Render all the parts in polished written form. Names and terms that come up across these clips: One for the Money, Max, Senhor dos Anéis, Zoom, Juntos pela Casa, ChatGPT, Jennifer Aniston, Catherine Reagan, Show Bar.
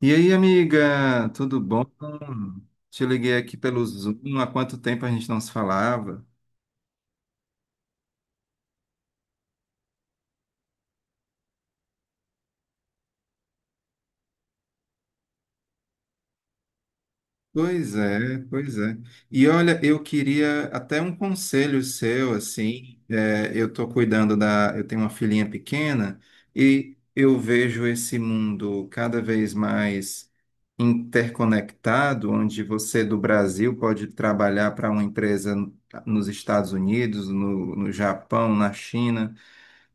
E aí, amiga, tudo bom? Te liguei aqui pelo Zoom, há quanto tempo a gente não se falava? Pois é, pois é. E olha, eu queria até um conselho seu, assim, eu estou cuidando da, eu tenho uma filhinha pequena e eu vejo esse mundo cada vez mais interconectado, onde você do Brasil pode trabalhar para uma empresa nos Estados Unidos, no Japão, na China.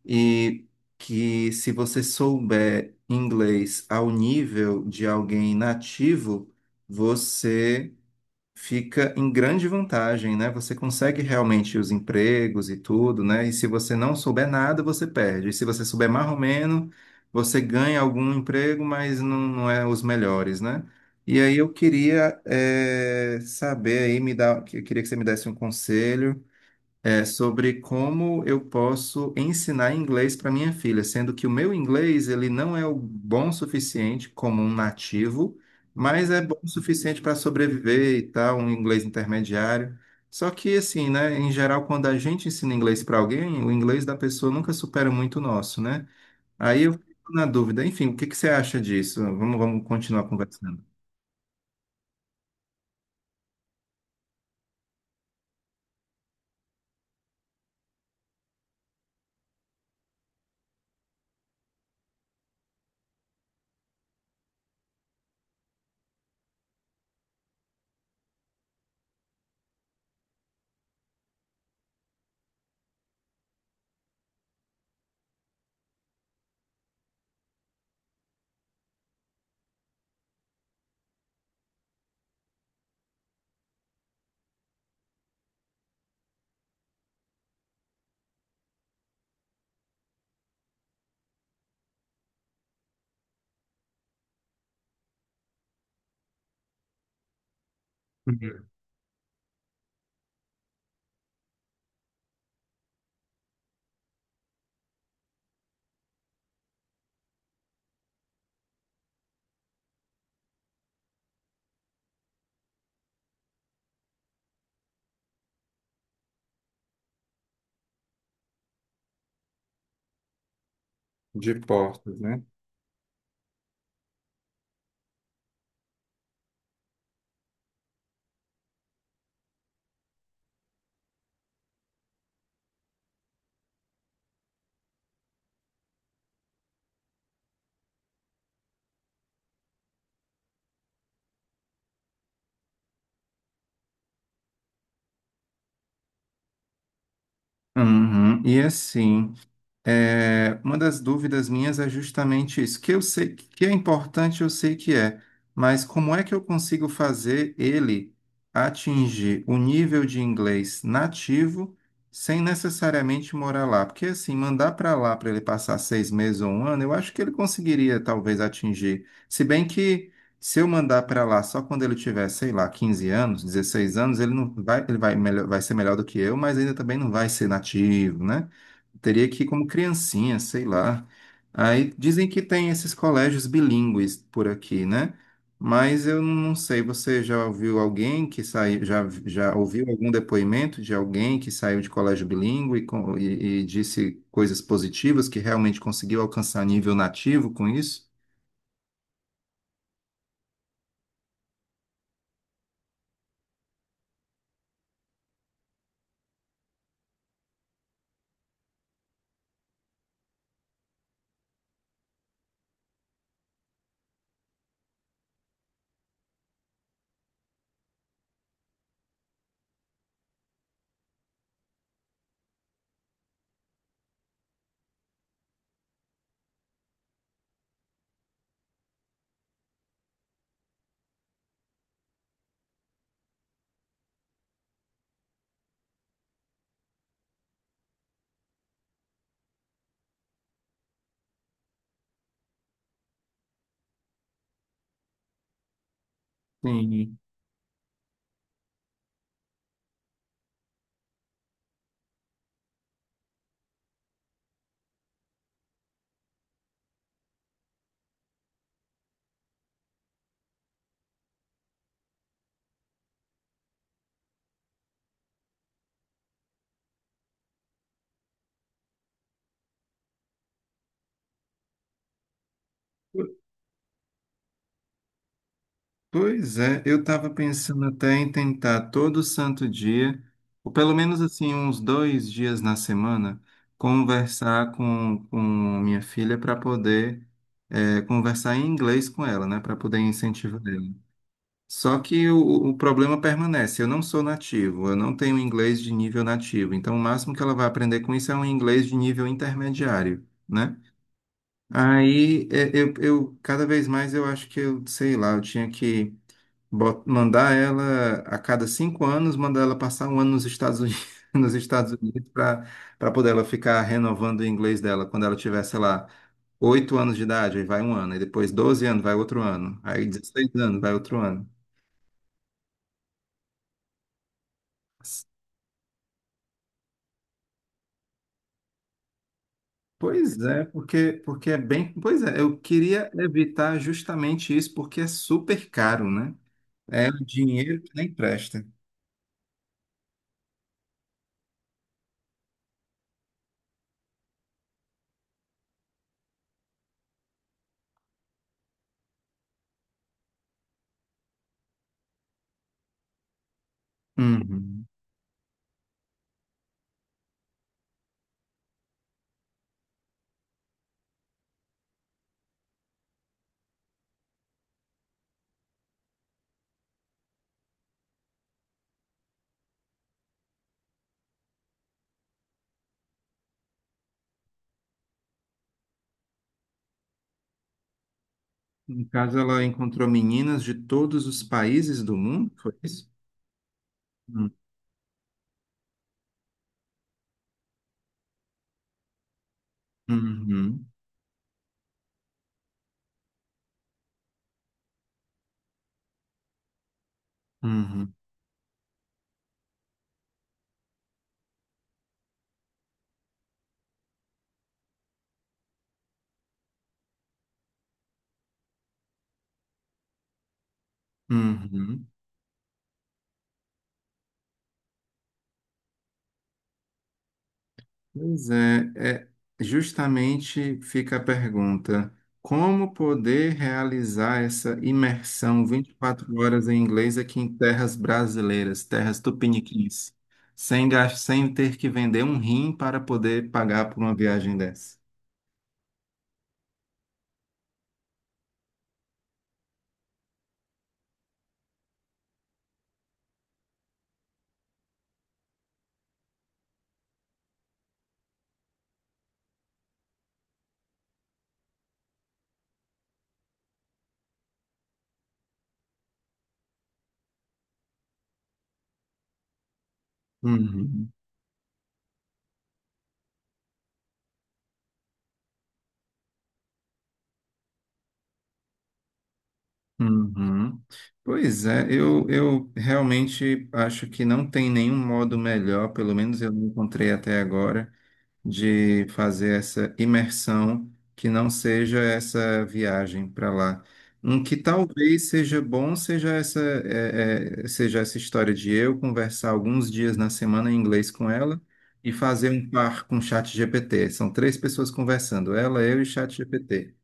E que se você souber inglês ao nível de alguém nativo, você fica em grande vantagem, né? Você consegue realmente os empregos e tudo, né? E se você não souber nada, você perde. E se você souber marromeno, você ganha algum emprego, mas não, não é os melhores, né? E aí eu queria saber aí, me dar, eu queria que você me desse um conselho sobre como eu posso ensinar inglês para minha filha, sendo que o meu inglês ele não é o bom o suficiente como um nativo, mas é bom o suficiente para sobreviver e tal, um inglês intermediário. Só que assim, né, em geral, quando a gente ensina inglês para alguém, o inglês da pessoa nunca supera muito o nosso, né? Aí eu fico na dúvida. Enfim, o que que você acha disso? Vamos, vamos continuar conversando. Uhum. De portas, né? Uhum. E assim, é, uma das dúvidas minhas é justamente isso, que eu sei que é importante, eu sei que é, mas como é que eu consigo fazer ele atingir o nível de inglês nativo sem necessariamente morar lá? Porque assim, mandar para lá para ele passar 6 meses ou 1 ano, eu acho que ele conseguiria talvez atingir. Se bem que se eu mandar para lá só quando ele tiver, sei lá, 15 anos, 16 anos, ele não vai, ele vai, melhor, vai ser melhor do que eu, mas ainda também não vai ser nativo, né? Teria que ir como criancinha, sei lá. Aí dizem que tem esses colégios bilíngues por aqui, né? Mas eu não sei, você já ouviu alguém que saiu, já, já ouviu algum depoimento de alguém que saiu de colégio bilíngue e disse coisas positivas, que realmente conseguiu alcançar nível nativo com isso? Sim. Pois é, eu estava pensando até em tentar todo santo dia, ou pelo menos assim, uns dois dias na semana, conversar com minha filha para poder conversar em inglês com ela, né? Para poder incentivar ela. Só que o problema permanece, eu não sou nativo, eu não tenho inglês de nível nativo, então o máximo que ela vai aprender com isso é um inglês de nível intermediário. Né? Aí é, eu cada vez mais eu acho que eu, sei lá, eu tinha que mandar ela a cada 5 anos, mandar ela passar 1 ano nos Estados Unidos, nos Estados Unidos para poder ela ficar renovando o inglês dela quando ela tivesse sei lá, 8 anos de idade, aí vai 1 ano, aí depois 12 anos, vai outro ano, aí 16 anos, vai outro ano. Pois é, porque, porque é bem. Pois é, eu queria evitar justamente isso, porque é super caro, né? É um dinheiro que nem presta. Uhum. No caso, ela encontrou meninas de todos os países do mundo, foi isso? Hum, uhum, uhum, uhum. Pois é, é, justamente fica a pergunta: como poder realizar essa imersão 24 horas em inglês aqui em terras brasileiras, terras tupiniquins, sem ter que vender um rim para poder pagar por uma viagem dessa? Uhum. Uhum. Pois é, eu realmente acho que não tem nenhum modo melhor, pelo menos eu não encontrei até agora, de fazer essa imersão que não seja essa viagem para lá. Um que talvez seja bom seja essa, seja essa história de eu conversar alguns dias na semana em inglês com ela e fazer um par com o chat GPT. São três pessoas conversando, ela, eu e o chat GPT.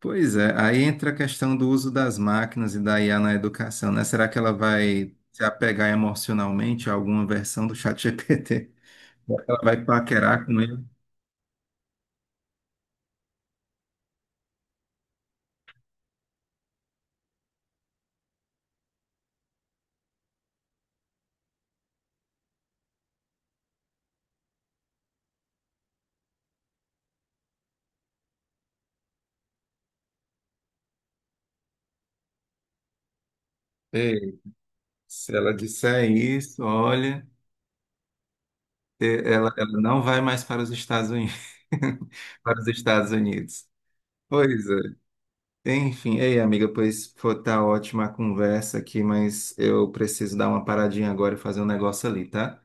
Pois é, aí entra a questão do uso das máquinas e da IA na educação, né? Será que ela vai se apegar emocionalmente a alguma versão do ChatGPT? Será que ela vai paquerar com ele? Ei, se ela disser isso, olha, ela, ela não vai mais para os Estados Unidos. Para os Estados Unidos. Pois é. Enfim, ei, amiga, pois foi tá ótima a conversa aqui, mas eu preciso dar uma paradinha agora e fazer um negócio ali, tá?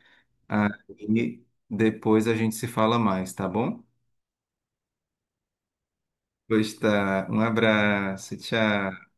Aí depois a gente se fala mais, tá bom? Pois tá. Um abraço, tchau.